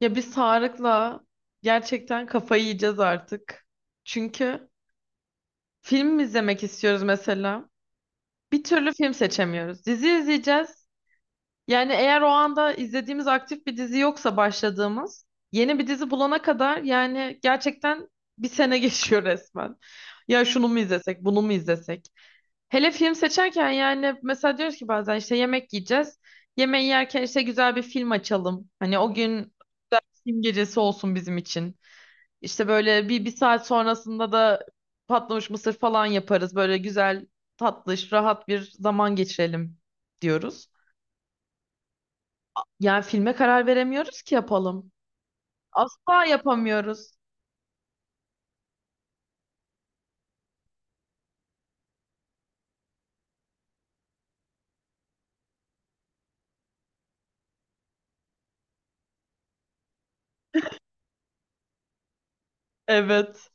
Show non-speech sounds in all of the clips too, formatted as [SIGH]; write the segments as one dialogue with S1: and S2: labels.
S1: Ya biz Tarık'la gerçekten kafayı yiyeceğiz artık. Çünkü film mi izlemek istiyoruz mesela. Bir türlü film seçemiyoruz. Dizi izleyeceğiz. Yani eğer o anda izlediğimiz aktif bir dizi yoksa başladığımız yeni bir dizi bulana kadar yani gerçekten bir sene [LAUGHS] geçiyor resmen. Ya şunu mu izlesek, bunu mu izlesek? Hele film seçerken yani mesela diyoruz ki bazen işte yemek yiyeceğiz. Yemeği yerken işte güzel bir film açalım. Hani o gün güzel bir film gecesi olsun bizim için. İşte böyle bir saat sonrasında da patlamış mısır falan yaparız. Böyle güzel, tatlış, rahat bir zaman geçirelim diyoruz. Yani filme karar veremiyoruz ki yapalım. Asla yapamıyoruz. Evet.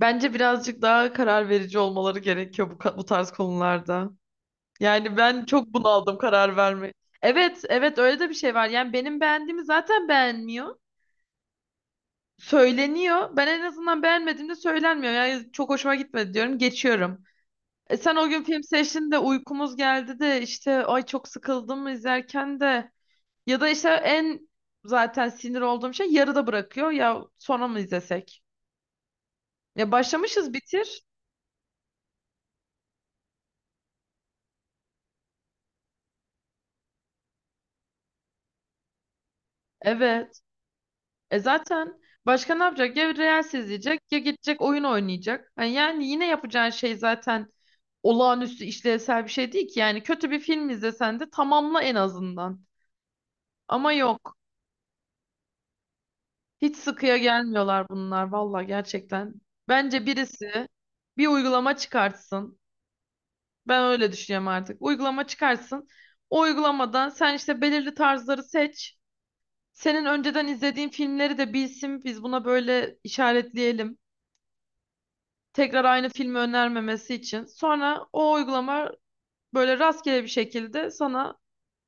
S1: Bence birazcık daha karar verici olmaları gerekiyor bu tarz konularda. Yani ben çok bunaldım karar verme. Evet, evet, öyle de bir şey var. Yani benim beğendiğimi zaten beğenmiyor. Söyleniyor. Ben en azından beğenmediğimde söylenmiyor. Yani çok hoşuma gitmedi diyorum. Geçiyorum. E sen o gün film seçtin de uykumuz geldi de işte ay çok sıkıldım izlerken de ya da işte zaten sinir olduğum şey yarıda bırakıyor ya sonra mı izlesek? Ya başlamışız bitir. Evet. E zaten başka ne yapacak? Ya Reels izleyecek ya gidecek oyun oynayacak. Ha, yani yine yapacağın şey zaten olağanüstü işlevsel bir şey değil ki. Yani kötü bir film izlesen de tamamla en azından. Ama yok. Hiç sıkıya gelmiyorlar bunlar valla gerçekten. Bence birisi bir uygulama çıkartsın. Ben öyle düşünüyorum artık. Uygulama çıkartsın. O uygulamadan sen işte belirli tarzları seç. Senin önceden izlediğin filmleri de bilsin. Biz buna böyle işaretleyelim. Tekrar aynı filmi önermemesi için. Sonra o uygulama böyle rastgele bir şekilde sana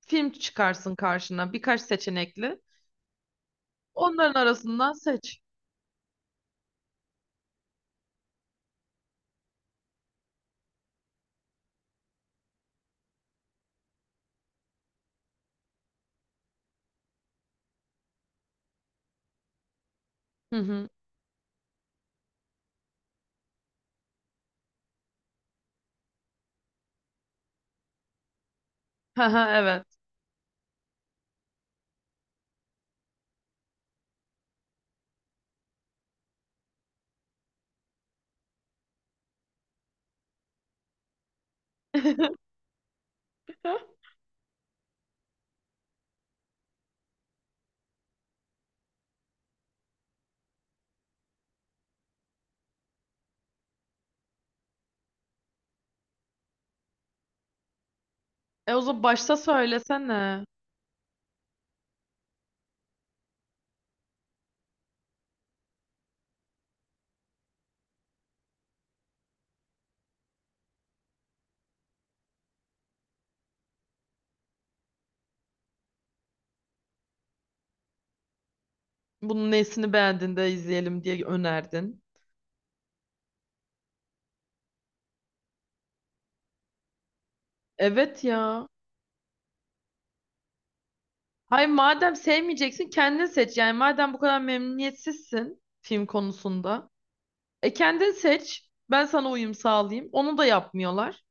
S1: film çıkarsın karşına. Birkaç seçenekli. Onların arasından seç. Hı hı. [LAUGHS] Hı hı, evet. [LAUGHS] E, o zaman başta söylesene. Bunun nesini beğendin de izleyelim diye önerdin. Evet ya. Hayır, madem sevmeyeceksin kendin seç. Yani madem bu kadar memnuniyetsizsin film konusunda. E kendin seç. Ben sana uyum sağlayayım. Onu da yapmıyorlar.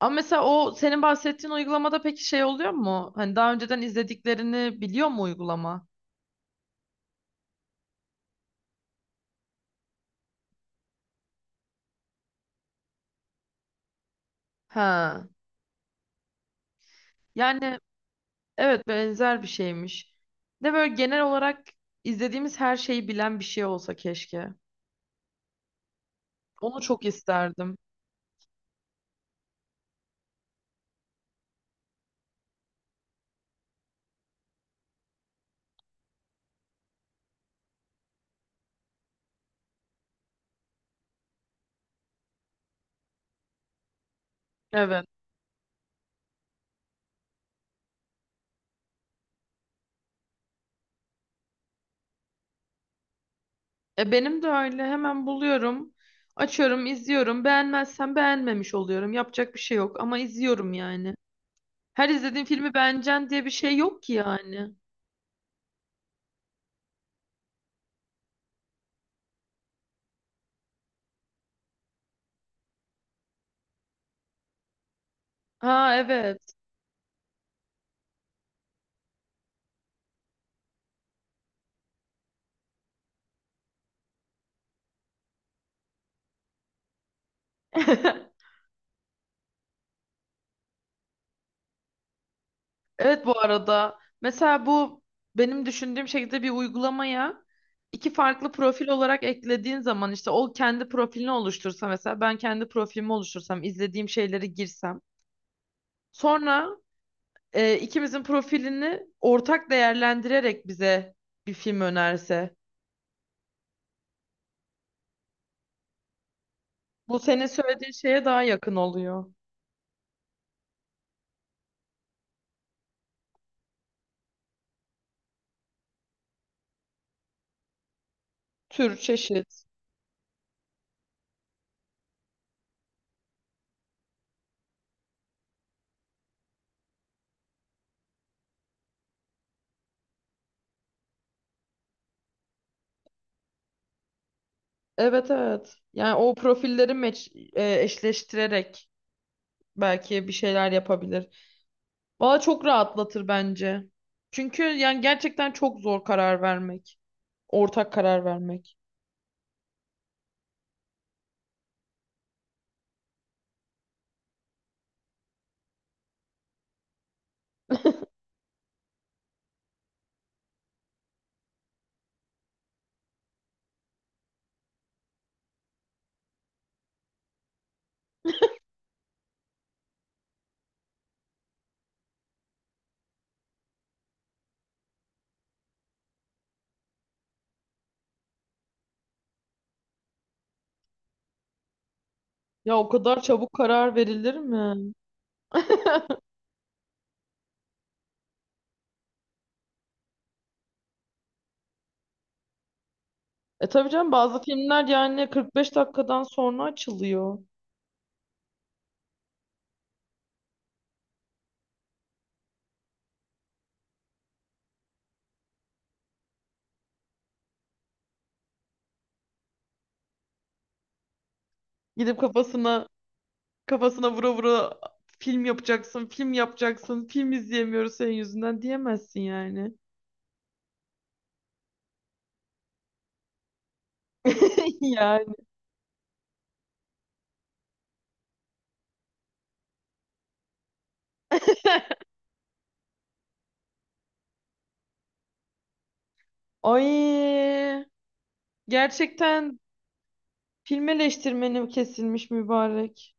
S1: Ama mesela o senin bahsettiğin uygulamada peki şey oluyor mu? Hani daha önceden izlediklerini biliyor mu uygulama? Ha. Yani evet, benzer bir şeymiş. De böyle genel olarak izlediğimiz her şeyi bilen bir şey olsa keşke. Onu çok isterdim. Evet. E benim de öyle. Hemen buluyorum. Açıyorum, izliyorum. Beğenmezsem beğenmemiş oluyorum. Yapacak bir şey yok ama izliyorum yani. Her izlediğim filmi beğeneceksin diye bir şey yok ki yani. Ha, evet. [LAUGHS] Evet, bu arada. Mesela bu benim düşündüğüm şekilde bir uygulamaya iki farklı profil olarak eklediğin zaman işte o kendi profilini oluştursa, mesela ben kendi profilimi oluştursam, izlediğim şeyleri girsem. Sonra ikimizin profilini ortak değerlendirerek bize bir film önerse. Bu senin söylediğin şeye daha yakın oluyor. Tür, çeşit. Evet, evet. Yani o profilleri eşleştirerek belki bir şeyler yapabilir. Valla çok rahatlatır bence. Çünkü yani gerçekten çok zor karar vermek. Ortak karar vermek. Ya o kadar çabuk karar verilir mi? [LAUGHS] E tabii canım, bazı filmler yani 45 dakikadan sonra açılıyor. Gidip kafasına vura vura film yapacaksın, film yapacaksın, film izleyemiyoruz senin yüzünden diyemezsin yani. [LAUGHS] Yani. Ay, gerçekten film eleştirmeni kesilmiş mübarek.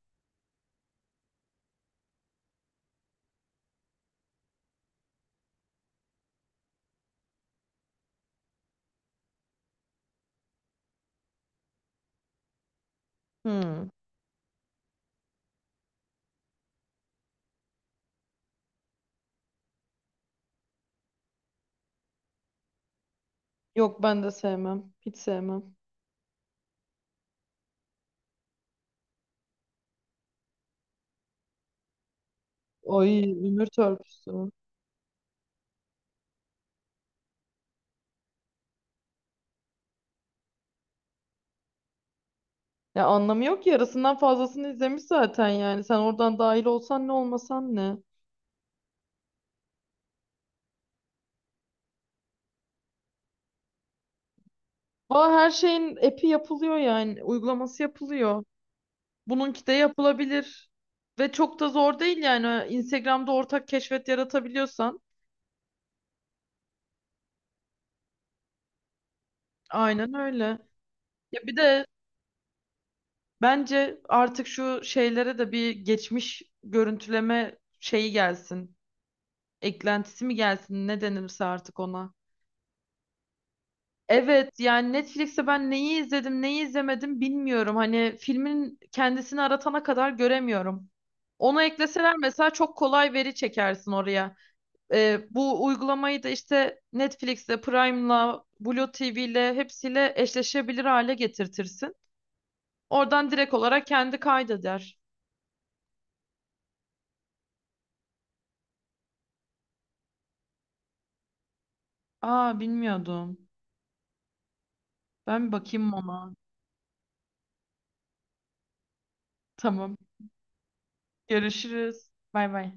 S1: Hmm. Yok, ben de sevmem. Hiç sevmem. Ay, ömür törpüsü. Ya anlamı yok ki, yarısından fazlasını izlemiş zaten yani. Sen oradan dahil olsan ne, olmasan ne. Aa, her şeyin epi yapılıyor yani. Uygulaması yapılıyor. Bununki de yapılabilir. Ve çok da zor değil yani. Instagram'da ortak keşfet yaratabiliyorsan. Aynen öyle. Ya bir de bence artık şu şeylere de bir geçmiş görüntüleme şeyi gelsin. Eklentisi mi gelsin, ne denirse artık ona. Evet yani, Netflix'te ben neyi izledim neyi izlemedim bilmiyorum. Hani filmin kendisini aratana kadar göremiyorum. Onu ekleseler mesela çok kolay veri çekersin oraya. Bu uygulamayı da işte Netflix'le, Prime'la, Blue TV'le hepsiyle eşleşebilir hale getirtirsin. Oradan direkt olarak kendi kaydeder. Aa, bilmiyordum. Ben bir bakayım ona. Tamam. Görüşürüz. Bay bay.